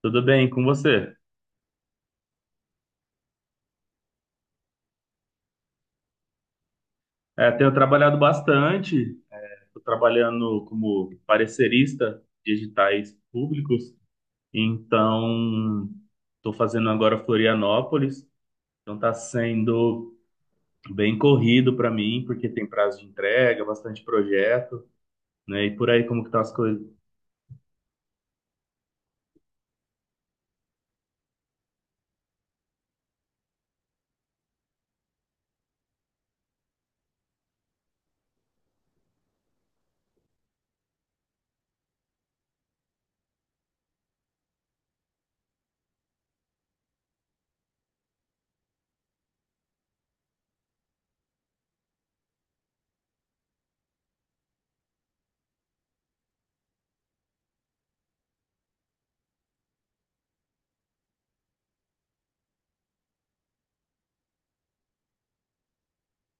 Tudo bem com você? É, tenho trabalhado bastante, estou trabalhando como parecerista de editais públicos, então estou fazendo agora Florianópolis, então está sendo bem corrido para mim, porque tem prazo de entrega, bastante projeto, né? E por aí como que estão as coisas?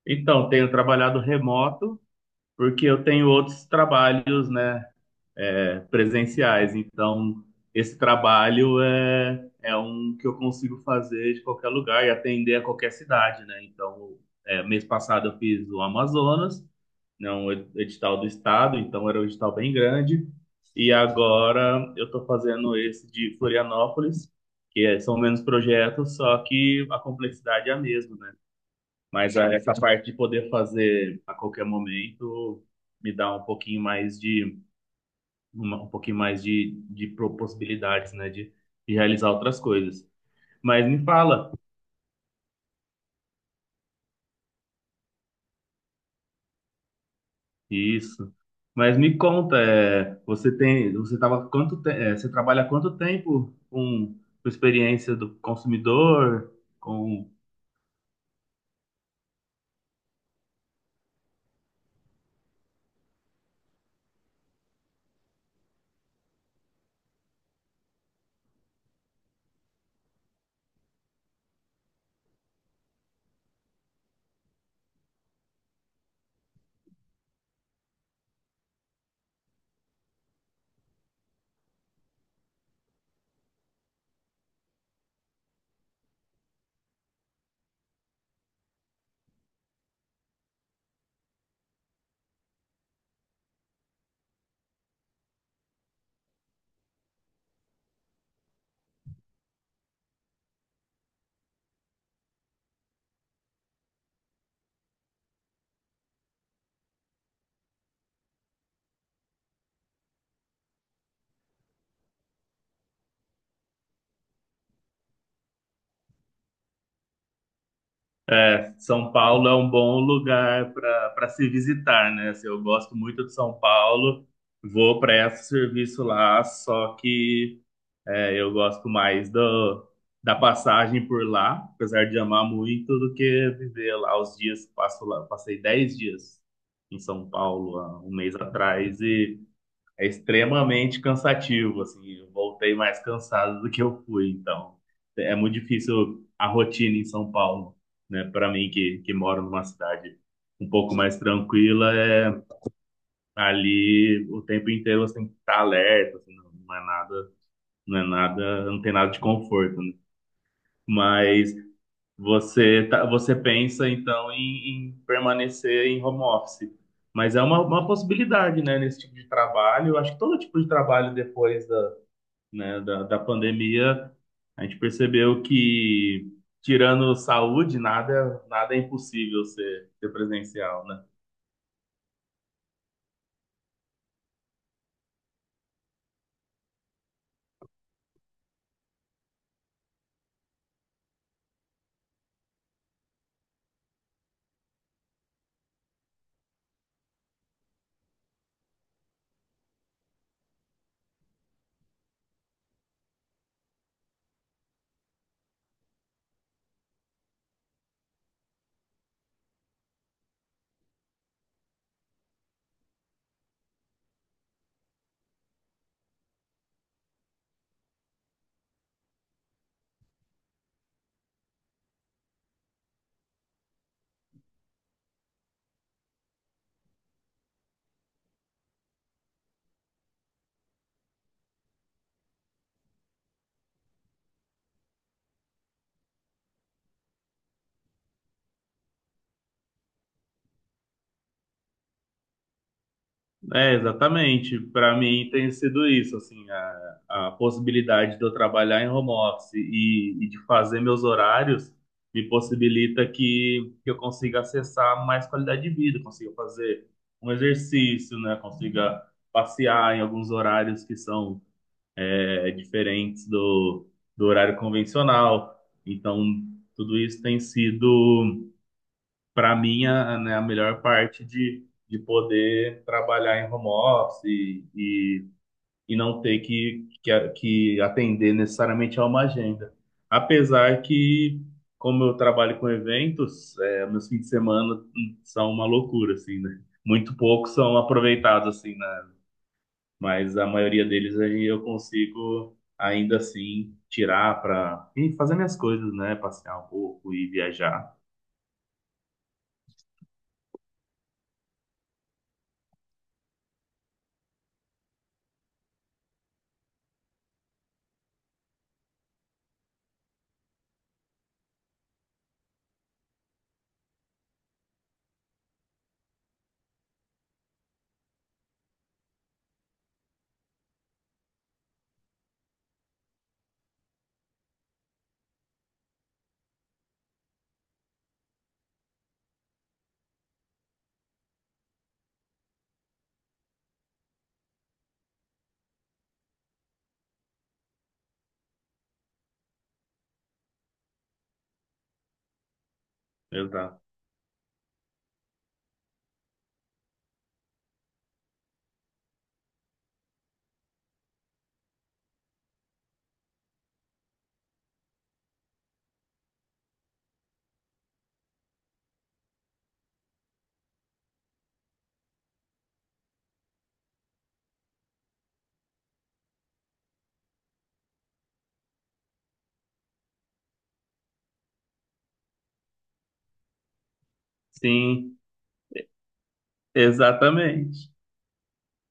Então, tenho trabalhado remoto, porque eu tenho outros trabalhos, né? Presenciais. Então, esse trabalho é um que eu consigo fazer de qualquer lugar e atender a qualquer cidade, né? Então, mês passado eu fiz o Amazonas, né, um edital do estado, então era um edital bem grande. E agora eu estou fazendo esse de Florianópolis, que são menos projetos, só que a complexidade é a mesma, né? Mas essa parte de poder fazer a qualquer momento me dá um pouquinho mais de um pouquinho mais de possibilidades, né, de realizar outras coisas. Mas me fala isso. Mas me conta, é, você tem, você tava quanto te, é, você trabalha há quanto tempo com experiência do consumidor? Com São Paulo é um bom lugar para se visitar, né? Assim, eu gosto muito de São Paulo, vou para esse serviço lá, eu gosto mais da passagem por lá, apesar de amar muito, do que viver lá os dias que passo lá. Passei 10 dias em São Paulo há um mês atrás e é extremamente cansativo, assim, eu voltei mais cansado do que eu fui, então é muito difícil a rotina em São Paulo, né? Para mim que moro numa cidade um pouco mais tranquila, ali o tempo inteiro você tem que estar alerta, assim, não é nada, não tem nada de conforto, né? Mas você pensa então em permanecer em home office. Mas é uma possibilidade, né, nesse tipo de trabalho. Eu acho que todo tipo de trabalho depois né, da pandemia, a gente percebeu que, tirando saúde, nada é impossível ser presencial, né? É, exatamente. Para mim tem sido isso, assim, a possibilidade de eu trabalhar em home office e de fazer meus horários me possibilita que eu consiga acessar mais qualidade de vida, consiga fazer um exercício, né? Consiga passear em alguns horários que são diferentes do horário convencional. Então, tudo isso tem sido para mim, né, a melhor parte de poder trabalhar em home office e não ter que atender necessariamente a uma agenda. Apesar que, como eu trabalho com eventos, meus fins de semana são uma loucura, assim, né? Muito poucos são aproveitados, assim, né? Mas a maioria deles aí eu consigo, ainda assim, tirar para fazer minhas coisas, né? Passear um pouco e viajar. Exato. Sim, exatamente.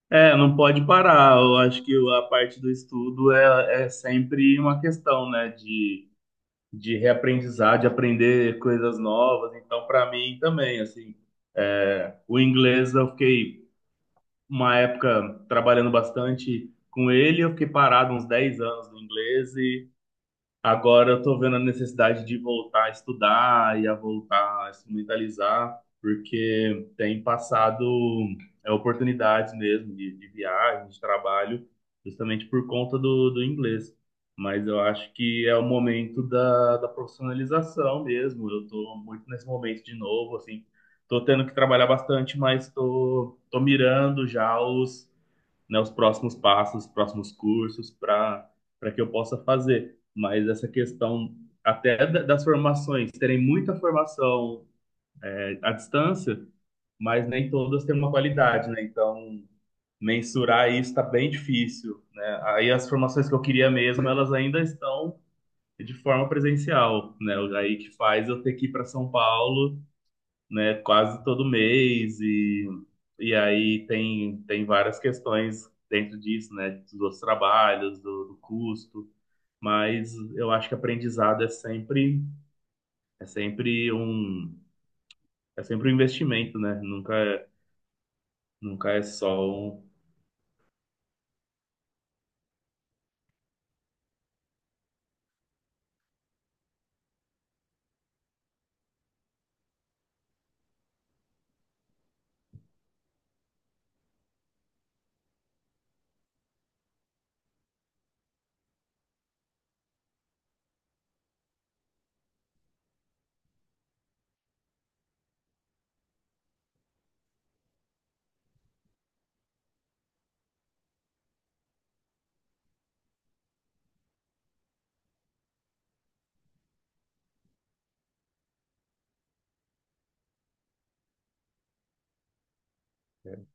É, não pode parar. Eu acho que a parte do estudo é sempre uma questão, né, de reaprendizar, de aprender coisas novas. Então, para mim também, assim, o inglês eu fiquei uma época trabalhando bastante com ele, eu fiquei parado uns 10 anos no inglês. Agora eu tô vendo a necessidade de voltar a estudar e a voltar a instrumentalizar, porque tem passado oportunidades mesmo de viagem, de trabalho, justamente por conta do inglês. Mas eu acho que é o momento da profissionalização mesmo. Eu tô muito nesse momento de novo, assim. Tô tendo que trabalhar bastante, mas tô mirando já os né, os próximos passos, os próximos cursos para que eu possa fazer. Mas essa questão até das formações, terem muita formação à distância, mas nem todas têm uma qualidade, né? Então, mensurar isso está bem difícil, né? Aí as formações que eu queria mesmo, elas ainda estão de forma presencial, né? Aí que faz eu ter que ir para São Paulo, né, quase todo mês e aí tem várias questões dentro disso, né, dos outros trabalhos, do custo, mas eu acho que aprendizado é sempre um é sempre um investimento, né? Nunca é só um. é,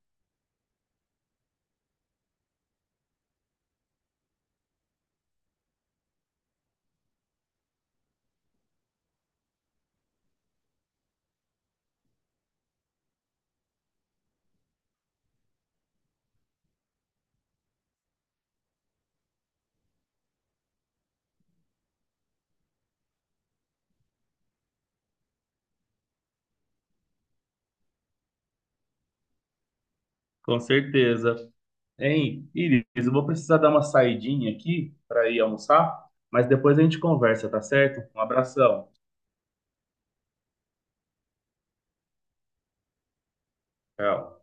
com certeza. Hein, Iris, eu vou precisar dar uma saidinha aqui para ir almoçar, mas depois a gente conversa, tá certo? Um abração. Tchau.